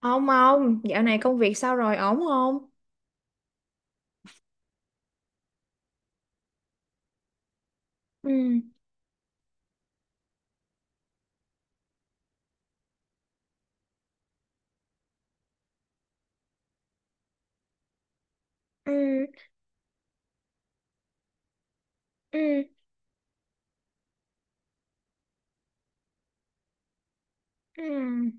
Ông, dạo này công việc sao rồi, ổn không? Ừ. Ừ. Ừ. Ừ.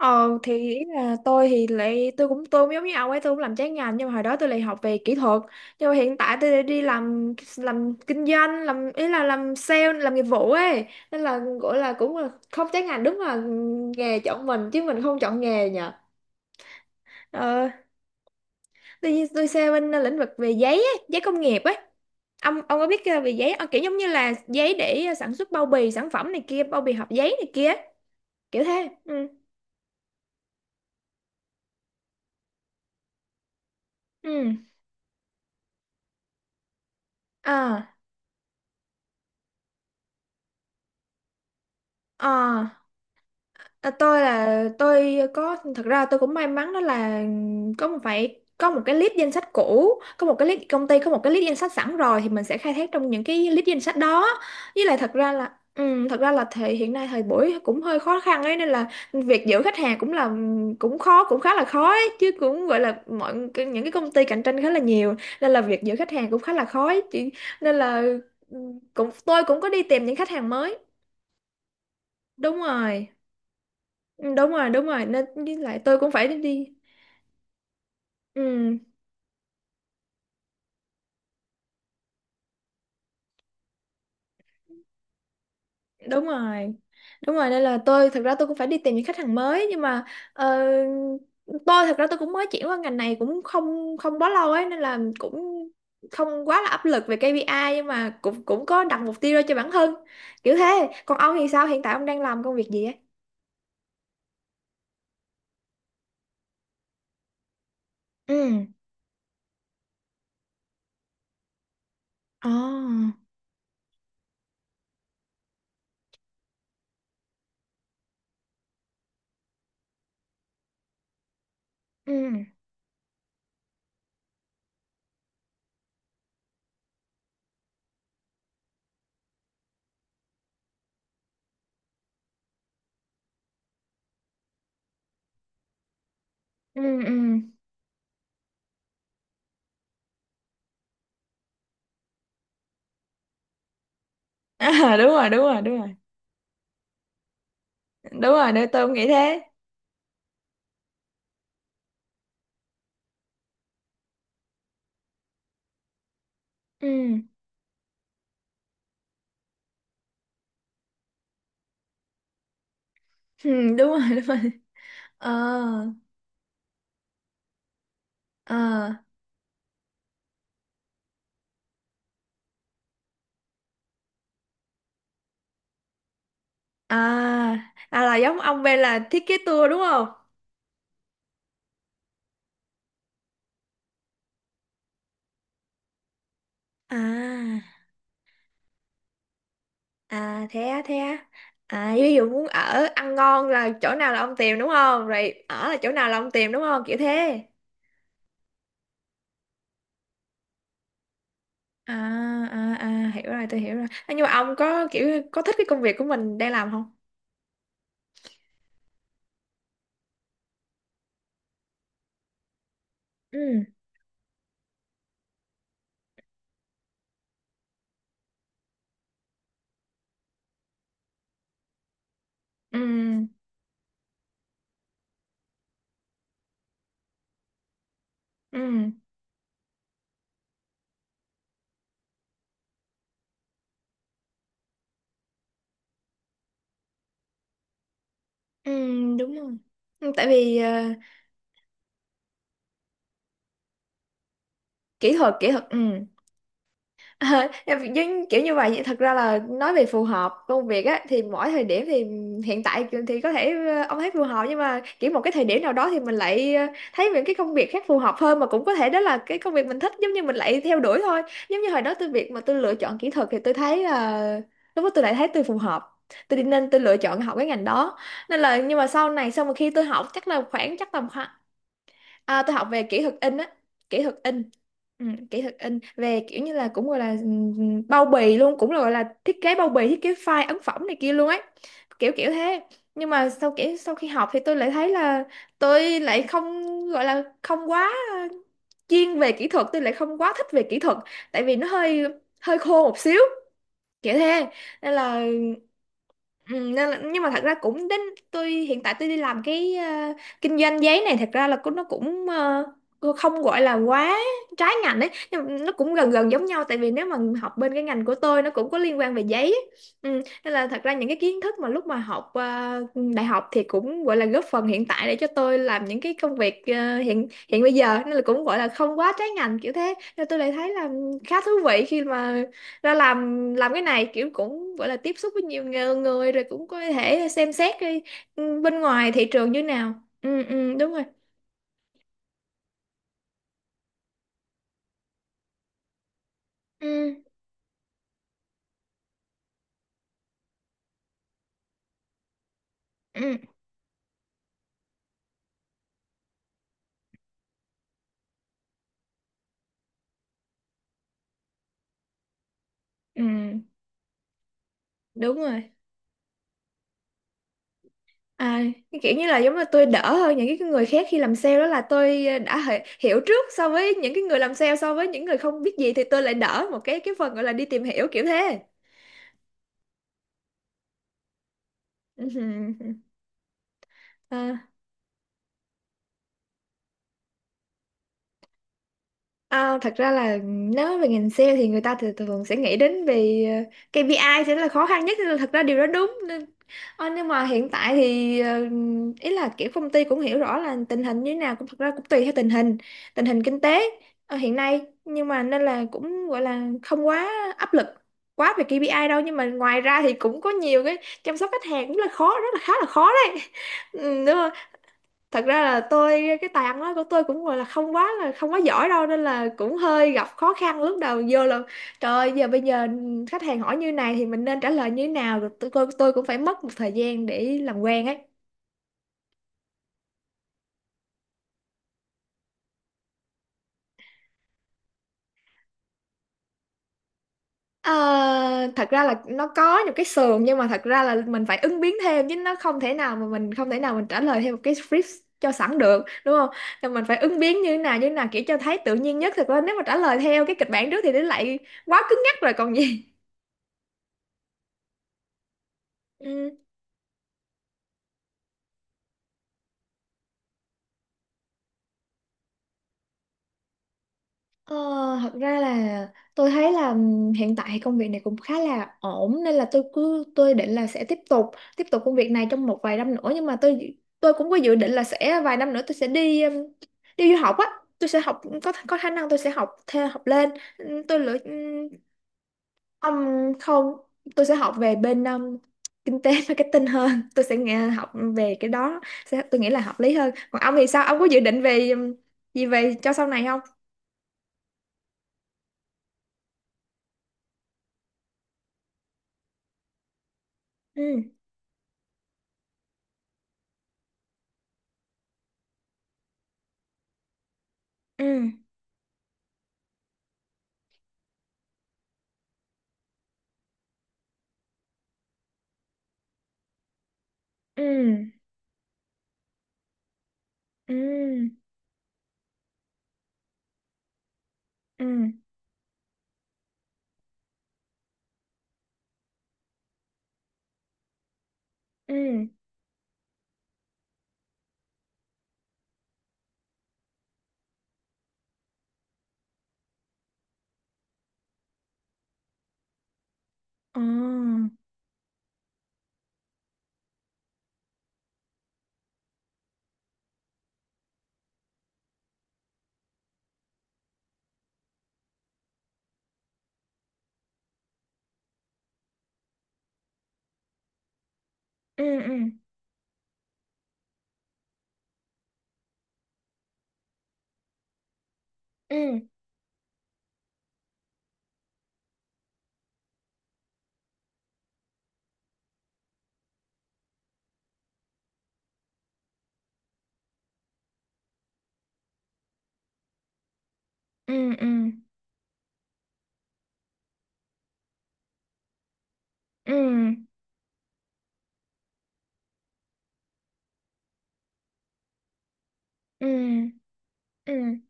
Ờ thì ý là tôi thì lại tôi cũng giống như ông ấy, tôi cũng làm trái ngành, nhưng mà hồi đó tôi lại học về kỹ thuật, nhưng mà hiện tại tôi lại đi làm kinh doanh, làm ý là làm sale, làm nghiệp vụ ấy, nên là gọi là cũng là không trái ngành. Đúng là nghề chọn mình chứ mình không chọn nghề nhỉ. Ờ, tôi sẽ bên lĩnh vực về giấy ấy, giấy công nghiệp ấy. Ông có biết về giấy, ông kiểu giống như là giấy để sản xuất bao bì sản phẩm này kia, bao bì hộp giấy này kia, kiểu thế. Ừ. Ừ. Ờ. Ờ. À, tôi là tôi có thật ra tôi cũng may mắn, đó là có một phải có một cái list danh sách cũ, có một cái list công ty, có một cái list danh sách sẵn rồi thì mình sẽ khai thác trong những cái list danh sách đó. Với lại thật ra là thật ra là thời hiện nay thời buổi cũng hơi khó khăn ấy, nên là việc giữ khách hàng cũng là cũng khó, cũng khá là khó ấy, chứ cũng gọi là những cái công ty cạnh tranh khá là nhiều, nên là việc giữ khách hàng cũng khá là khó ấy. Nên là ừ, cũng tôi cũng có đi tìm những khách hàng mới. Đúng rồi. Ừ, đúng rồi đúng rồi, nên với lại tôi cũng phải đi. Ừ, đúng rồi đúng rồi, nên là thật ra tôi cũng phải đi tìm những khách hàng mới, nhưng mà ờ, thật ra tôi cũng mới chuyển qua ngành này cũng không không quá lâu ấy, nên là cũng không quá là áp lực về KPI, nhưng mà cũng cũng có đặt mục tiêu ra cho bản thân kiểu thế. Còn ông thì sao, hiện tại ông đang làm công việc gì ấy? Ừ. Ồ. Ừ. Ừ. Ừ. À, đúng rồi đúng rồi đúng rồi. Đúng rồi, để tôi cũng nghĩ thế. Ừ. Ừ. Đúng rồi đúng rồi. Ờ. Ờ. À, à là giống ông bên là thiết kế tour đúng không? À, à thế á, thế á. À, ví dụ muốn ở ăn ngon là chỗ nào là ông tìm đúng không? Rồi ở là chỗ nào là ông tìm đúng không? Kiểu thế. À, à, à, hiểu rồi, tôi hiểu rồi. À, nhưng mà ông có kiểu có thích cái công việc của mình đang làm không? Ừ. Ừ. Ừ. Ừ, đúng rồi. Ừ, tại vì kỹ thuật, ừ. Ờ, em nhưng kiểu như vậy, thật ra là nói về phù hợp công việc á thì mỗi thời điểm thì hiện tại thì có thể ông thấy phù hợp, nhưng mà kiểu một cái thời điểm nào đó thì mình lại thấy những cái công việc khác phù hợp hơn mà cũng có thể đó là cái công việc mình thích, giống như mình lại theo đuổi thôi. Giống như hồi đó tôi việc mà tôi lựa chọn kỹ thuật thì tôi thấy là lúc đó tôi lại thấy tôi phù hợp, tôi đi nên tôi lựa chọn học cái ngành đó. Nên là nhưng mà sau này sau mà khi tôi học chắc là khoảng chắc tầm khoảng. À, tôi học về kỹ thuật in á, kỹ thuật in. Ừ, kỹ thuật in về kiểu như là cũng gọi là bao bì luôn, cũng là gọi là thiết kế bao bì, thiết kế file ấn phẩm này kia luôn ấy, kiểu kiểu thế. Nhưng mà sau kiểu sau khi học thì tôi lại thấy là tôi lại không gọi là không quá chuyên về kỹ thuật, tôi lại không quá thích về kỹ thuật, tại vì nó hơi hơi khô một xíu, kiểu thế nên là. Ừ, nên là, nhưng mà thật ra cũng đến tôi hiện tại tôi đi làm cái kinh doanh giấy này, thật ra là cũng nó cũng không gọi là quá trái ngành đấy, nhưng mà nó cũng gần gần giống nhau, tại vì nếu mà học bên cái ngành của tôi nó cũng có liên quan về giấy ấy. Ừ, nên là thật ra những cái kiến thức mà lúc mà học đại học thì cũng gọi là góp phần hiện tại để cho tôi làm những cái công việc hiện hiện bây giờ, nên là cũng gọi là không quá trái ngành kiểu thế, nên tôi lại thấy là khá thú vị khi mà ra làm cái này, kiểu cũng gọi là tiếp xúc với nhiều người rồi cũng có thể xem xét đi bên ngoài thị trường như nào. Ừ ừ đúng rồi. Ừ. Ừ. Ừ đúng rồi. À, cái kiểu như là giống như tôi đỡ hơn những cái người khác khi làm sale, đó là tôi đã hiểu trước so với những cái người làm sale, so với những người không biết gì thì tôi lại đỡ một cái phần gọi là đi tìm hiểu, kiểu thế. Ừ. À, à, thật ra là nếu nói về ngành sale thì người ta thường thường sẽ nghĩ đến về ờ, KPI sẽ là khó khăn nhất, nên là thật ra điều đó đúng nên. Ờ, nhưng mà hiện tại thì ý là kiểu công ty cũng hiểu rõ là tình hình như thế nào, cũng thật ra cũng tùy theo tình hình, tình hình kinh tế hiện nay, nhưng mà nên là cũng gọi là không quá áp lực quá về KPI đâu, nhưng mà ngoài ra thì cũng có nhiều cái chăm sóc khách hàng cũng là khó rất là khá là khó đấy. Ừ, đúng. Thật ra là tôi cái tài ăn nói của tôi cũng gọi là không quá giỏi đâu, nên là cũng hơi gặp khó khăn lúc đầu vô là trời ơi, bây giờ khách hàng hỏi như này thì mình nên trả lời như thế nào, rồi tôi cũng phải mất một thời gian để làm quen ấy. Ờ, thật ra là nó có những cái sườn, nhưng mà thật ra là mình phải ứng biến thêm, chứ nó không thể nào mà mình không thể nào mình trả lời theo một cái script cho sẵn được đúng không, nên mình phải ứng biến như thế nào kiểu cho thấy tự nhiên nhất. Thật ra nếu mà trả lời theo cái kịch bản trước thì nó lại quá cứng nhắc rồi còn gì. Ừ, ờ, thật ra là tôi thấy là hiện tại công việc này cũng khá là ổn, nên là tôi cứ tôi định là sẽ tiếp tục công việc này trong một vài năm nữa, nhưng mà tôi cũng có dự định là sẽ vài năm nữa tôi sẽ đi đi du học á, tôi sẽ học có khả năng tôi sẽ học theo học lên. Tôi lựa ừm, không, tôi sẽ học về bên kinh tế marketing hơn, tôi sẽ nghe học về cái đó. Sẽ, tôi nghĩ là hợp lý hơn. Còn ông thì sao, ông có dự định về gì về cho sau này không? Ừ. Ừ. Ừ. Ừ. Ừ. Ừ. Ờ. Ừ. Ừ. Ừ. Ừ. Ừ. Ừ. Ừ. Ừ.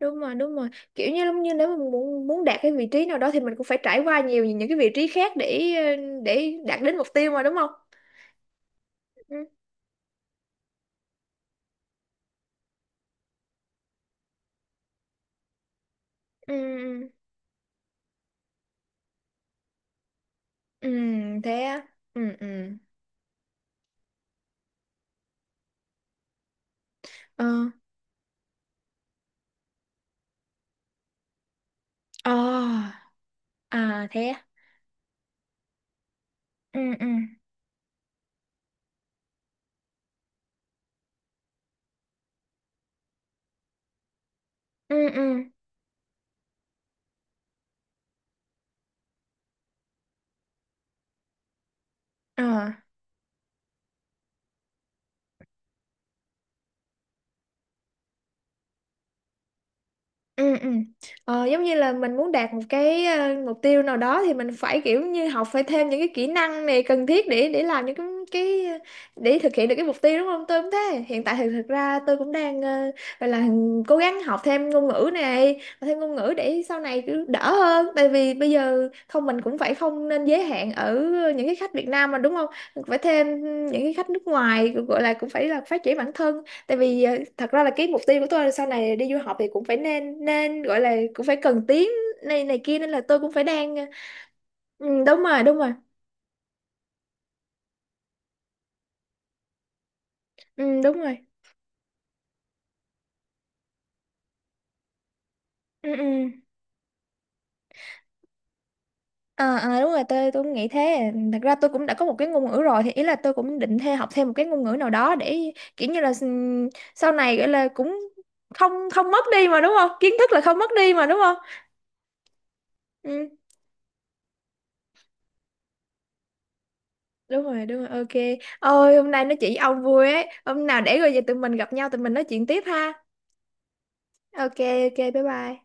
Đúng rồi đúng rồi, kiểu như giống như nếu mà muốn muốn đạt cái vị trí nào đó thì mình cũng phải trải qua nhiều những cái vị trí khác để để đạt đến mục tiêu mà đúng không. Ừ. Ừ. Ừ thế á. Ừ. Ừ. Ờ. Ờ. À thế á. Ừ. Ừ. Ừ. Ừ. Ờ. Ừ. Ừ. Ờ, giống như là mình muốn đạt một cái mục tiêu nào đó thì mình phải kiểu như phải thêm những cái kỹ năng này cần thiết để làm những cái để thực hiện được cái mục tiêu đúng không. Tôi cũng thế, hiện tại thì thực ra tôi cũng đang gọi là cố gắng học thêm ngôn ngữ này, học thêm ngôn ngữ để sau này cứ đỡ hơn, tại vì bây giờ không mình cũng phải không nên giới hạn ở những cái khách Việt Nam mà đúng không, phải thêm những cái khách nước ngoài, gọi là cũng phải là phát triển bản thân. Tại vì thật ra là cái mục tiêu của tôi là sau này đi du học thì cũng phải nên nên gọi là cũng phải cần tiếng này này kia, nên là tôi cũng phải đang ừ, đúng rồi đúng rồi. Ừ, đúng rồi. Ừ, ừ. Ờ, ờ, đúng rồi, tôi cũng nghĩ thế. Thật ra tôi cũng đã có một cái ngôn ngữ rồi thì ý là tôi cũng định theo học thêm một cái ngôn ngữ nào đó để kiểu như là sau này gọi là cũng không không mất đi mà đúng không, kiến thức là không mất đi mà đúng không. Ừ, đúng rồi đúng rồi, ok ôi hôm nay nói chuyện với ông vui ấy, hôm nào để rồi về tụi mình gặp nhau tụi mình nói chuyện tiếp ha. Ok. Ok. Bye bye.